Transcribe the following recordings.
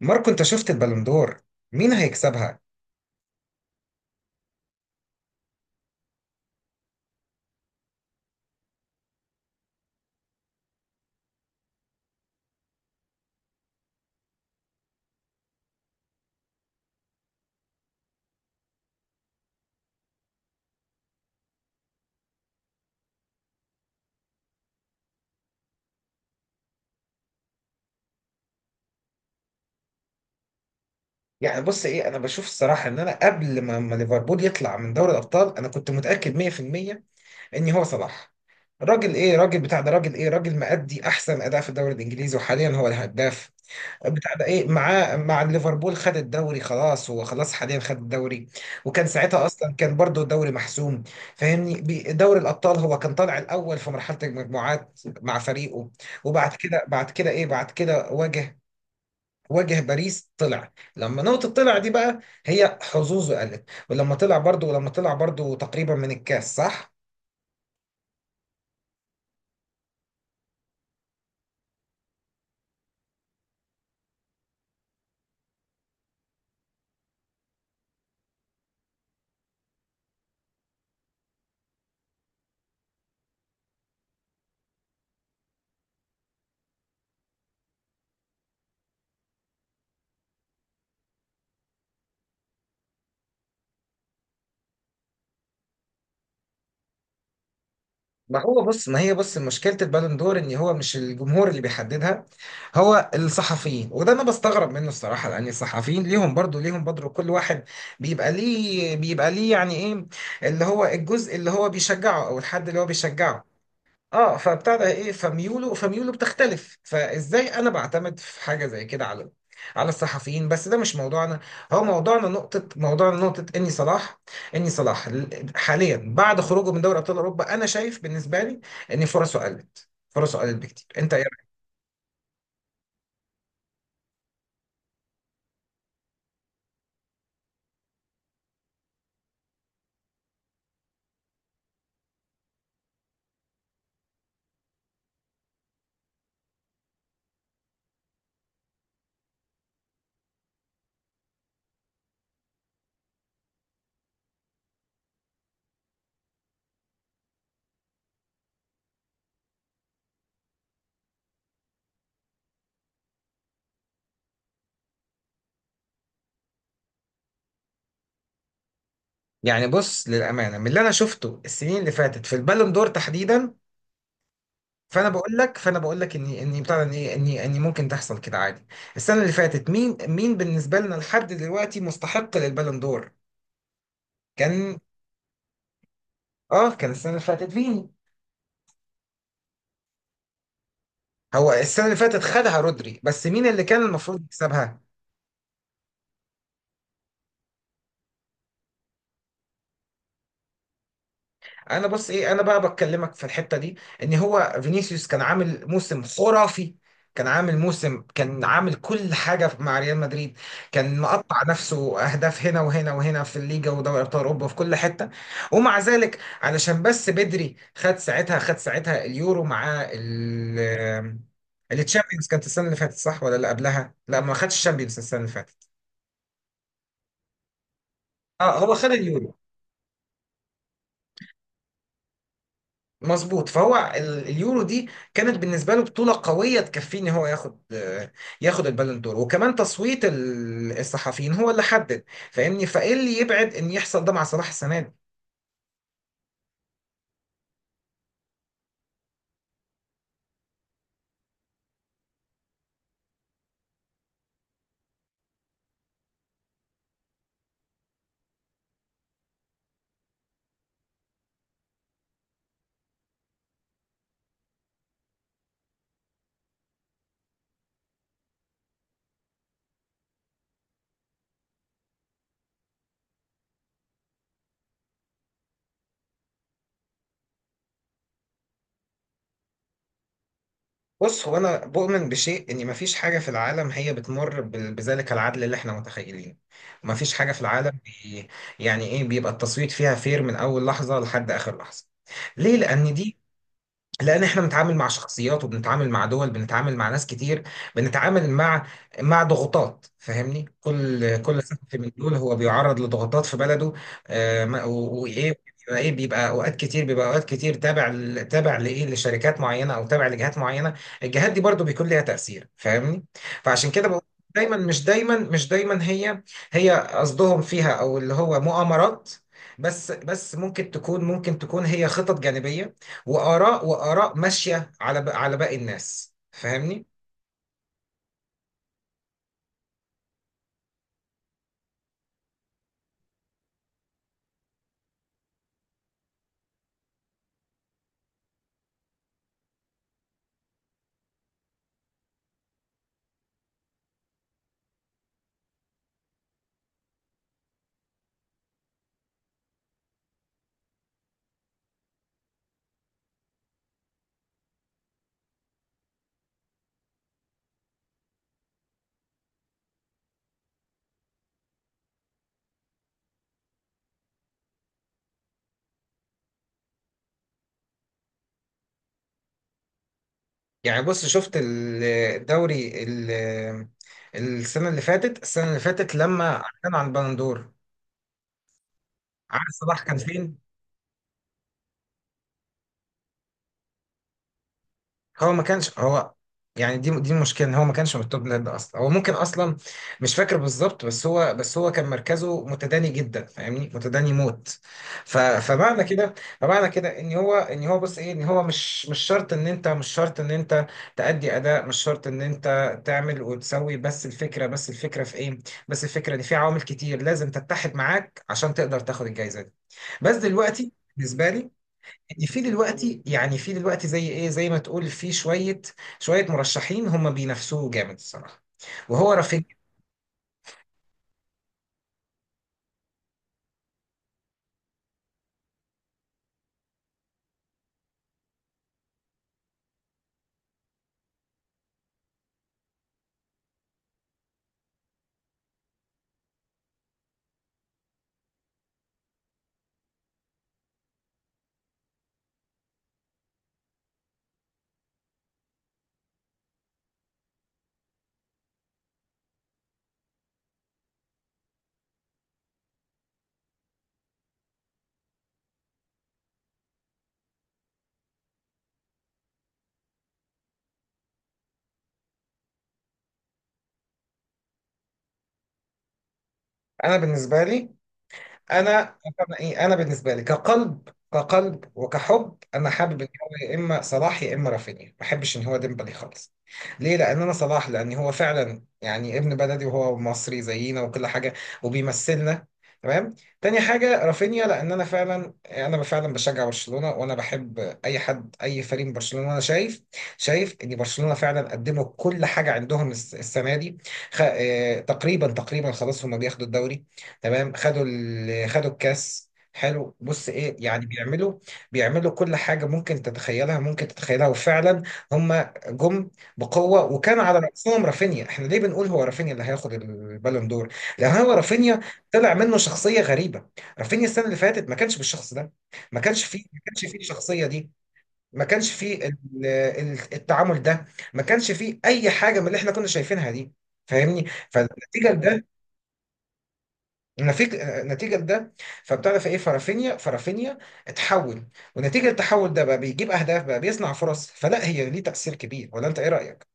ماركو، انت شفت البالندور؟ مين هيكسبها؟ يعني بص، ايه انا بشوف الصراحه ان انا قبل ما ليفربول يطلع من دوري الابطال انا كنت متاكد 100% ان هو صلاح. راجل ايه، راجل بتاع ده، راجل ايه، راجل مأدي احسن اداء في الدوري الانجليزي وحاليا هو الهداف بتاع ده. ايه معاه؟ مع ليفربول خد الدوري خلاص، هو خلاص حاليا خد الدوري. وكان ساعتها اصلا كان برضو الدوري محسوم. فاهمني؟ دوري الابطال هو كان طالع الاول في مرحله المجموعات مع فريقه. وبعد كده، بعد كده ايه بعد كده واجه باريس، طلع لما نقطة، طلع دي بقى، هي حظوظه قلت. ولما طلع برضو، تقريبا من الكاس، صح؟ ما هو بص، ما هي بص مشكلة البالون دور ان هو مش الجمهور اللي بيحددها، هو الصحفيين. وده انا بستغرب منه الصراحة، لان الصحفيين ليهم برضو كل واحد بيبقى ليه، يعني ايه اللي هو الجزء اللي هو بيشجعه، او الحد اللي هو بيشجعه. اه، فبتاع ده ايه، فميوله بتختلف. فازاي انا بعتمد في حاجه زي كده على الصحفيين؟ بس ده مش موضوعنا. هو موضوعنا نقطه، اني صلاح حاليا بعد خروجه من دوري ابطال اوروبا انا شايف بالنسبه لي ان فرصه قلت بكتير. انت ايه رأيك؟ يعني بص، للامانه، من اللي انا شفته السنين اللي فاتت في البالون دور تحديدا، فانا بقول لك اني اني بتاع ده، اني اني اني ممكن تحصل كده عادي. السنه اللي فاتت مين بالنسبه لنا لحد دلوقتي مستحق للبالون دور كان؟ اه، كان السنه اللي فاتت فيني. هو السنه اللي فاتت خدها رودري، بس مين اللي كان المفروض يكسبها؟ انا بس ايه، انا بقى بكلمك في الحته دي ان هو فينيسيوس كان عامل موسم خرافي. كان عامل كل حاجه مع ريال مدريد، كان مقطع نفسه اهداف هنا وهنا وهنا في الليجا ودوري ابطال اوروبا في كل حته. ومع ذلك، علشان بس بدري، خد ساعتها، اليورو مع التشامبيونز. كانت السنه اللي فاتت، صح ولا اللي قبلها؟ لا، ما خدش الشامبيونز السنه اللي فاتت. اه، هو خد اليورو. مظبوط. فهو اليورو دي كانت بالنسبه له بطوله قويه تكفيه ان هو ياخد، البالون دور. وكمان تصويت الصحفيين هو اللي حدد. فاهمني، فايه اللي يبعد ان يحصل ده مع صلاح السنه دي؟ بص، هو انا بؤمن بشيء، ان مفيش حاجه في العالم هي بتمر بذلك العدل اللي احنا متخيلينه. مفيش حاجه في العالم يعني ايه، بيبقى التصويت فيها فير من اول لحظه لحد اخر لحظه؟ ليه؟ لان احنا بنتعامل مع شخصيات، وبنتعامل مع دول، بنتعامل مع ناس كتير، بنتعامل مع ضغوطات. فاهمني، كل صحفي من دول هو بيعرض لضغوطات في بلده. وايه بيبقى ايه، بيبقى اوقات كتير تابع تابع لايه، لشركات معينه او تابع لجهات معينه. الجهات دي برضو بيكون ليها تاثير، فاهمني. فعشان كده بقول، دايما مش دايما مش دايما هي، قصدهم فيها او اللي هو مؤامرات، بس ممكن تكون، هي خطط جانبيه، واراء ماشيه على باقي الناس، فاهمني. يعني بص، شفت الدوري السنه اللي فاتت، لما كان عن البندور، عارف صلاح كان فين؟ هو ما كانش، يعني دي المشكله، ان هو ما كانش من التوب لاند اصلا. هو ممكن اصلا مش فاكر بالظبط، بس هو، كان مركزه متداني جدا، فاهمني، متداني موت. ف فمعنى كده فمعنى كده ان هو، بص ايه، ان هو مش شرط ان انت، تأدي اداء، مش شرط ان انت تعمل وتسوي. بس الفكره، في ايه؟ بس الفكره ان في عوامل كتير لازم تتحد معاك عشان تقدر تاخد الجائزه دي. بس دلوقتي بالنسبه لي، في دلوقتي يعني، في دلوقتي زي ايه، زي ما تقول، في شويه، مرشحين هم بينافسوه جامد الصراحه، وهو رفيق. انا بالنسبه لي، انا انا بالنسبه لي كقلب، وكحب، انا حابب ان هو يا اما صلاح يا اما رافينيا، ما بحبش ان هو ديمبلي خالص. ليه؟ لان انا صلاح، لان هو فعلا يعني ابن بلدي، وهو مصري زينا وكل حاجه، وبيمثلنا. تمام. تاني حاجه رافينيا، لان انا فعلا، بشجع برشلونه، وانا بحب اي حد، اي فريق من برشلونه، وانا شايف، ان برشلونه فعلا قدموا كل حاجه عندهم السنه دي. خ... آه، تقريبا، خلاص هم بياخدوا الدوري، تمام، خدوا الكاس. حلو، بص ايه يعني، بيعملوا، كل حاجه ممكن تتخيلها، وفعلا هم جم بقوه، وكان على راسهم رافينيا. احنا ليه بنقول هو رافينيا اللي هياخد البالون دور؟ لان هو رافينيا طلع منه شخصيه غريبه. رافينيا السنه اللي فاتت ما كانش بالشخص ده، ما كانش فيه الشخصيه دي، ما كانش فيه التعامل ده، ما كانش فيه اي حاجه من اللي احنا كنا شايفينها دي، فاهمني. نتيجة لده، فبتعرف ايه، فرافينيا اتحول، ونتيجة التحول ده بقى بيجيب اهداف، بقى بيصنع فرص. فلا هي ليه تأثير كبير، ولا انت ايه رأيك؟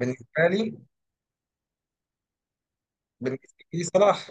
بالنسبة لي بالنسبة لي صلاح.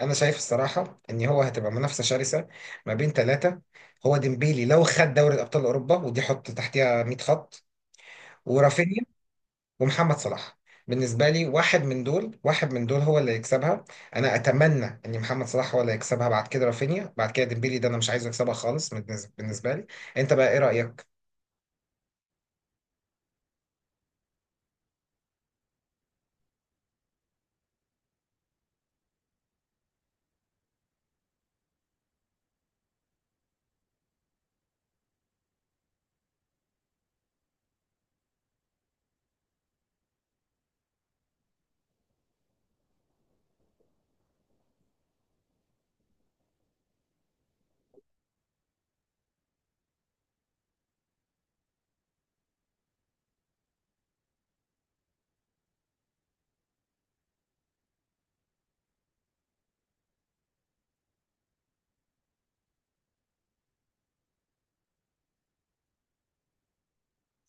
أنا شايف الصراحة إن هو هتبقى منافسة شرسة ما بين ثلاثة. هو ديمبيلي لو خد دوري أبطال أوروبا ودي حط تحتها 100 خط، ورافينيا، ومحمد صلاح. بالنسبة لي واحد من دول، هو اللي يكسبها. أنا أتمنى إن محمد صلاح هو اللي يكسبها، بعد كده رافينيا، بعد كده ديمبيلي. ده أنا مش عايزه يكسبها خالص، بالنسبة لي. أنت بقى إيه رأيك؟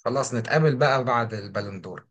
خلاص، نتقابل بقى بعد البالون دور.